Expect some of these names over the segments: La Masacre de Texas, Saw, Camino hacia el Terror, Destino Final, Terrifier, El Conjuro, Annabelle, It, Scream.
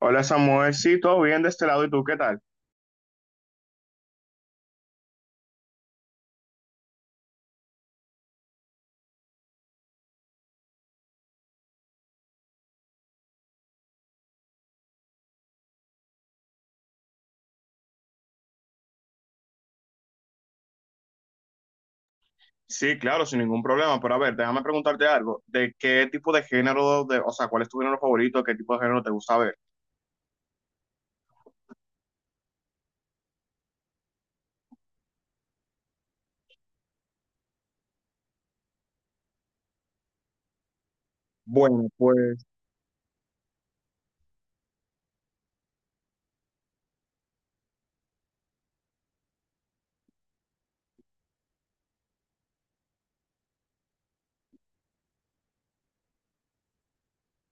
Hola Samuel, sí, todo bien de este lado, ¿y tú qué tal? Sí, claro, sin ningún problema. Pero a ver, déjame preguntarte algo. ¿De qué tipo de género, o sea, cuál es tu género favorito? ¿Qué tipo de género te gusta ver? Bueno, pues.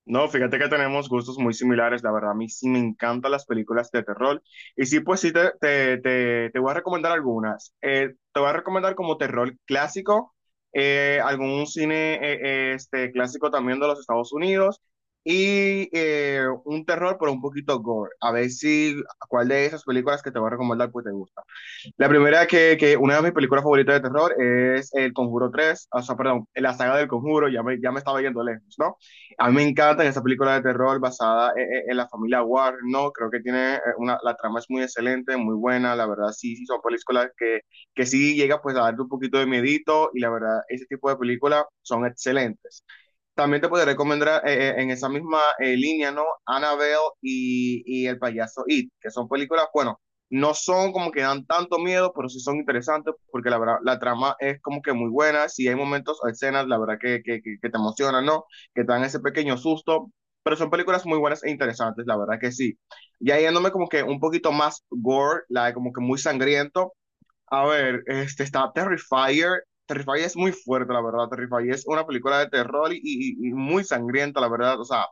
No, fíjate que tenemos gustos muy similares, la verdad, a mí sí me encantan las películas de terror. Y sí, pues sí, te voy a recomendar algunas. Te voy a recomendar como terror clásico, algún cine clásico también de los Estados Unidos, y un terror, pero un poquito gore. A ver si cuál de esas películas que te voy a recomendar pues te gusta. La primera que, una de mis películas favoritas de terror, es El Conjuro 3. O sea, perdón, la saga del Conjuro, ya me estaba yendo lejos, ¿no? A mí me encantan esa película de terror basada en la familia Warren, ¿no? Creo que tiene la trama es muy excelente, muy buena, la verdad sí, sí son películas que sí llega pues a darte un poquito de miedito, y la verdad ese tipo de películas son excelentes. También te podría recomendar en esa misma línea, ¿no? Annabelle y El Payaso It, que son películas, bueno, no son como que dan tanto miedo, pero sí son interesantes porque la verdad, la trama es como que muy buena. Si hay momentos o escenas, la verdad, que te emocionan, ¿no? Que te dan ese pequeño susto, pero son películas muy buenas e interesantes, la verdad que sí. Ya yéndome como que un poquito más gore, como que muy sangriento. A ver, este está Terrifier. Terrifier es muy fuerte, la verdad. Terrifier es una película de terror y muy sangrienta, la verdad. O sea,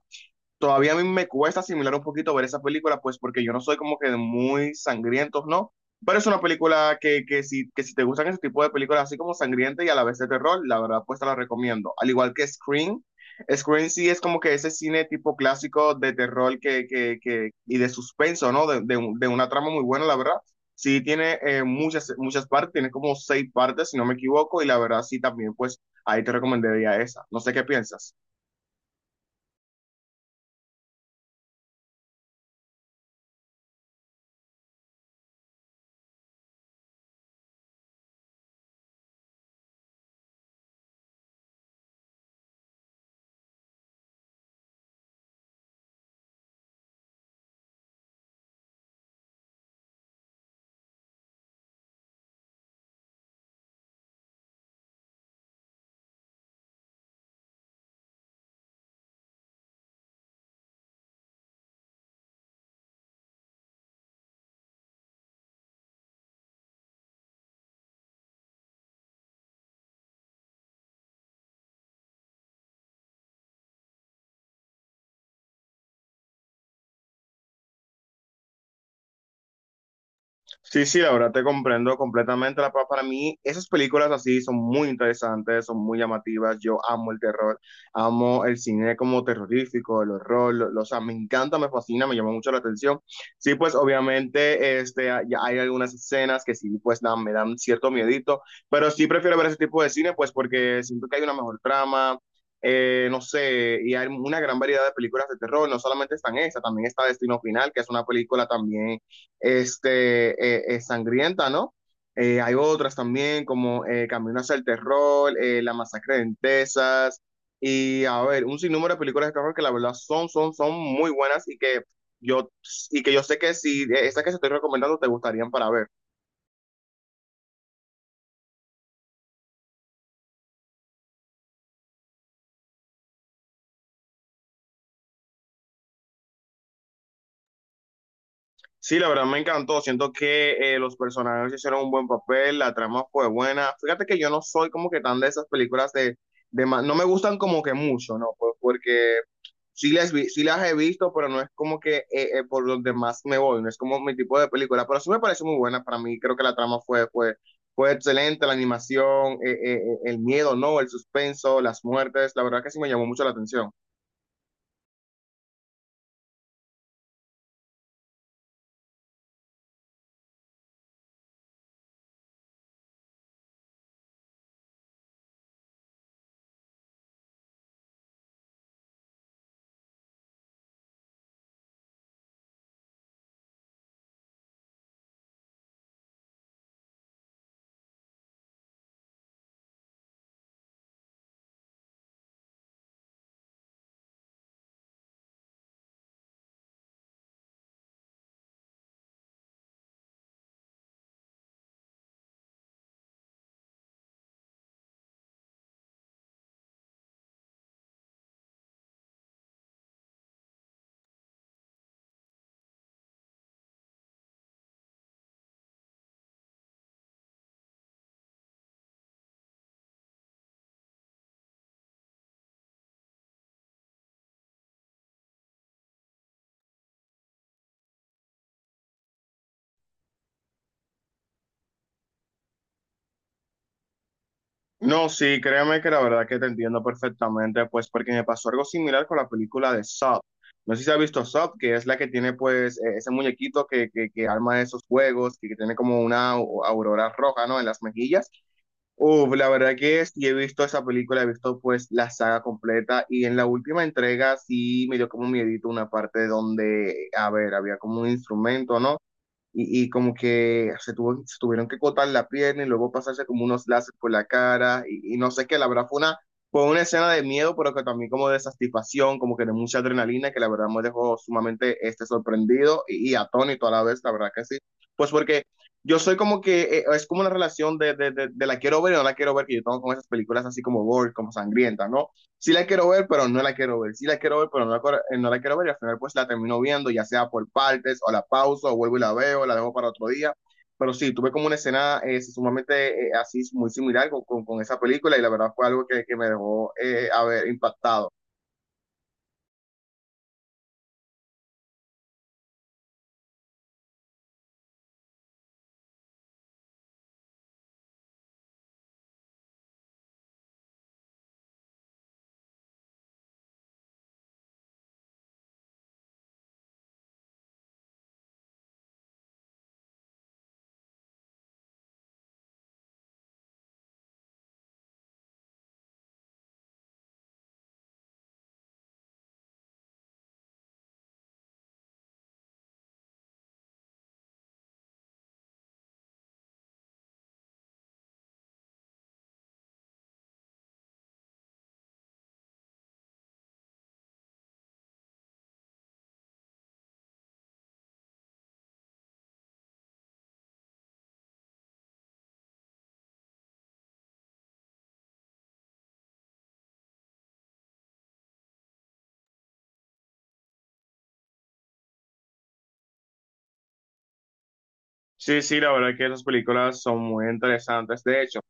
todavía a mí me cuesta asimilar un poquito ver esa película, pues porque yo no soy como que de muy sangrientos, ¿no? Pero es una película que si te gustan ese tipo de películas así como sangrienta y a la vez de terror, la verdad pues te la recomiendo. Al igual que Scream. Scream sí es como que ese cine tipo clásico de terror y de suspenso, ¿no? De una trama muy buena, la verdad. Sí tiene muchas partes, tiene como seis partes, si no me equivoco, y la verdad sí, también pues ahí te recomendaría esa. No sé qué piensas. Sí, sí, la verdad te comprendo completamente. Para mí, esas películas así son muy interesantes, son muy llamativas. Yo amo el terror, amo el cine como terrorífico, el horror, o sea, me encanta, me fascina, me llama mucho la atención. Sí, pues obviamente ya hay algunas escenas que sí, pues me dan cierto miedito, pero sí prefiero ver ese tipo de cine, pues porque siento que hay una mejor trama. No sé, y hay una gran variedad de películas de terror, no solamente están esa, también está Destino Final, que es una película también sangrienta, ¿no? Hay otras también como Camino hacia el Terror, La Masacre de Texas, y a ver, un sinnúmero de películas de terror que la verdad son, son muy buenas, y yo, que yo sé que si estas que se estoy recomendando te gustarían para ver. Sí, la verdad me encantó. Siento que los personajes hicieron un buen papel, la trama fue buena. Fíjate que yo no soy como que tan de esas películas no me gustan como que mucho, ¿no? Pues porque sí las he visto, pero no es como que por donde más me voy, no es como mi tipo de película, pero sí me parece muy buena. Para mí, creo que la trama fue excelente, la animación, el miedo, ¿no? El suspenso, las muertes, la verdad que sí me llamó mucho la atención. No, sí, créeme que la verdad que te entiendo perfectamente, pues porque me pasó algo similar con la película de Saw. No sé si has visto Saw, que es la que tiene pues ese muñequito que arma esos juegos, que tiene como una aurora roja, ¿no?, en las mejillas. Uf, la verdad que sí he visto esa película, he visto pues la saga completa, y en la última entrega sí me dio como miedito una parte donde, a ver, había como un instrumento, ¿no?, y como que se tuvieron que cortar la pierna y luego pasarse como unos láser por la cara y no sé qué. La verdad fue una escena de miedo, pero que también como de satisfacción, como que de mucha adrenalina, que la verdad me dejó sumamente sorprendido y atónito a la vez, la verdad que sí, pues porque... Yo soy como que, es como una relación de la quiero ver y no la quiero ver, que yo tengo con esas películas así como gore, como sangrientas, ¿no? Sí la quiero ver, pero no la quiero ver, sí la quiero ver, pero no la quiero ver, y al final pues la termino viendo, ya sea por partes, o la pauso, o vuelvo y la veo, la dejo para otro día. Pero sí, tuve como una escena sumamente así, muy similar esa película, y la verdad fue algo que me dejó haber impactado. Sí, sí, la verdad que esas películas son muy interesantes. De hecho,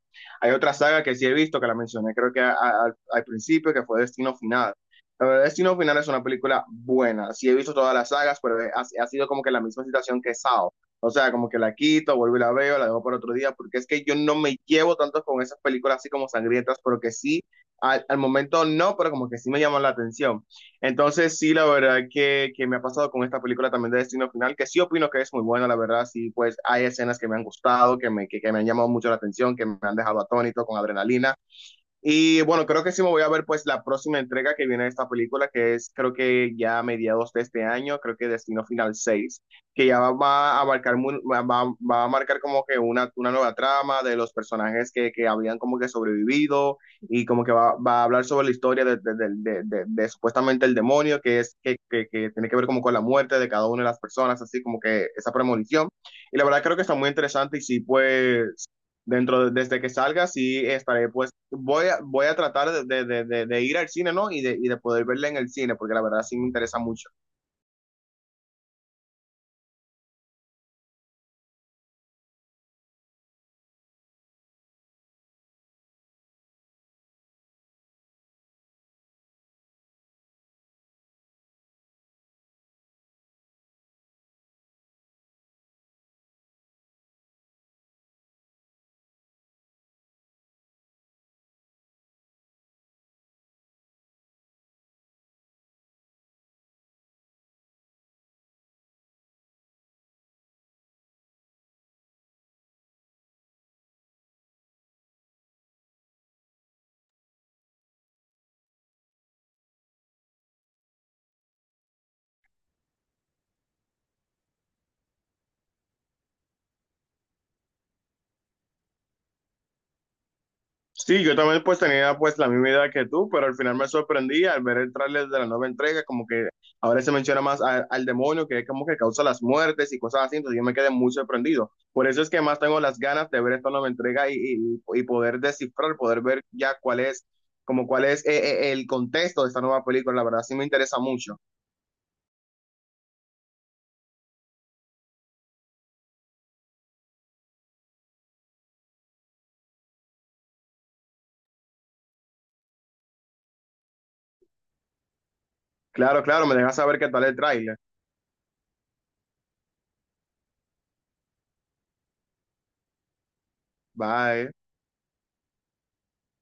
hay otra saga que sí he visto, que la mencioné creo que al principio, que fue Destino Final. La verdad, Destino Final es una película buena. Sí he visto todas las sagas, pero ha sido como que la misma situación que Sao. O sea, como que la quito, vuelvo y la veo, la dejo para otro día, porque es que yo no me llevo tanto con esas películas así como sangrientas, pero que sí, al momento no, pero como que sí me llaman la atención. Entonces, sí, la verdad que me ha pasado con esta película también de Destino Final, que sí opino que es muy buena, la verdad. Sí, pues hay escenas que me han gustado, que me han llamado mucho la atención, que me han dejado atónito, con adrenalina, y bueno, creo que sí me voy a ver pues la próxima entrega que viene de esta película, que es creo que ya a mediados de este año. Creo que Destino Final 6, que ya va a marcar como que una nueva trama de los personajes que habían como que sobrevivido, y como que va a hablar sobre la historia de supuestamente el demonio, que es que, tiene que ver como con la muerte de cada una de las personas, así como que esa premonición. Y la verdad creo que está muy interesante, y sí, pues desde que salga, sí estaré, pues voy a tratar de ir al cine, ¿no? Y de poder verla en el cine, porque la verdad sí me interesa mucho. Sí, yo también pues tenía pues la misma idea que tú, pero al final me sorprendí al ver el tráiler de la nueva entrega, como que ahora se menciona más al demonio, que es como que causa las muertes y cosas así. Entonces yo me quedé muy sorprendido. Por eso es que más tengo las ganas de ver esta nueva entrega y poder descifrar, poder ver ya como cuál es el contexto de esta nueva película. La verdad sí me interesa mucho. Claro, claro, me dejas saber qué tal el tráiler. Bye.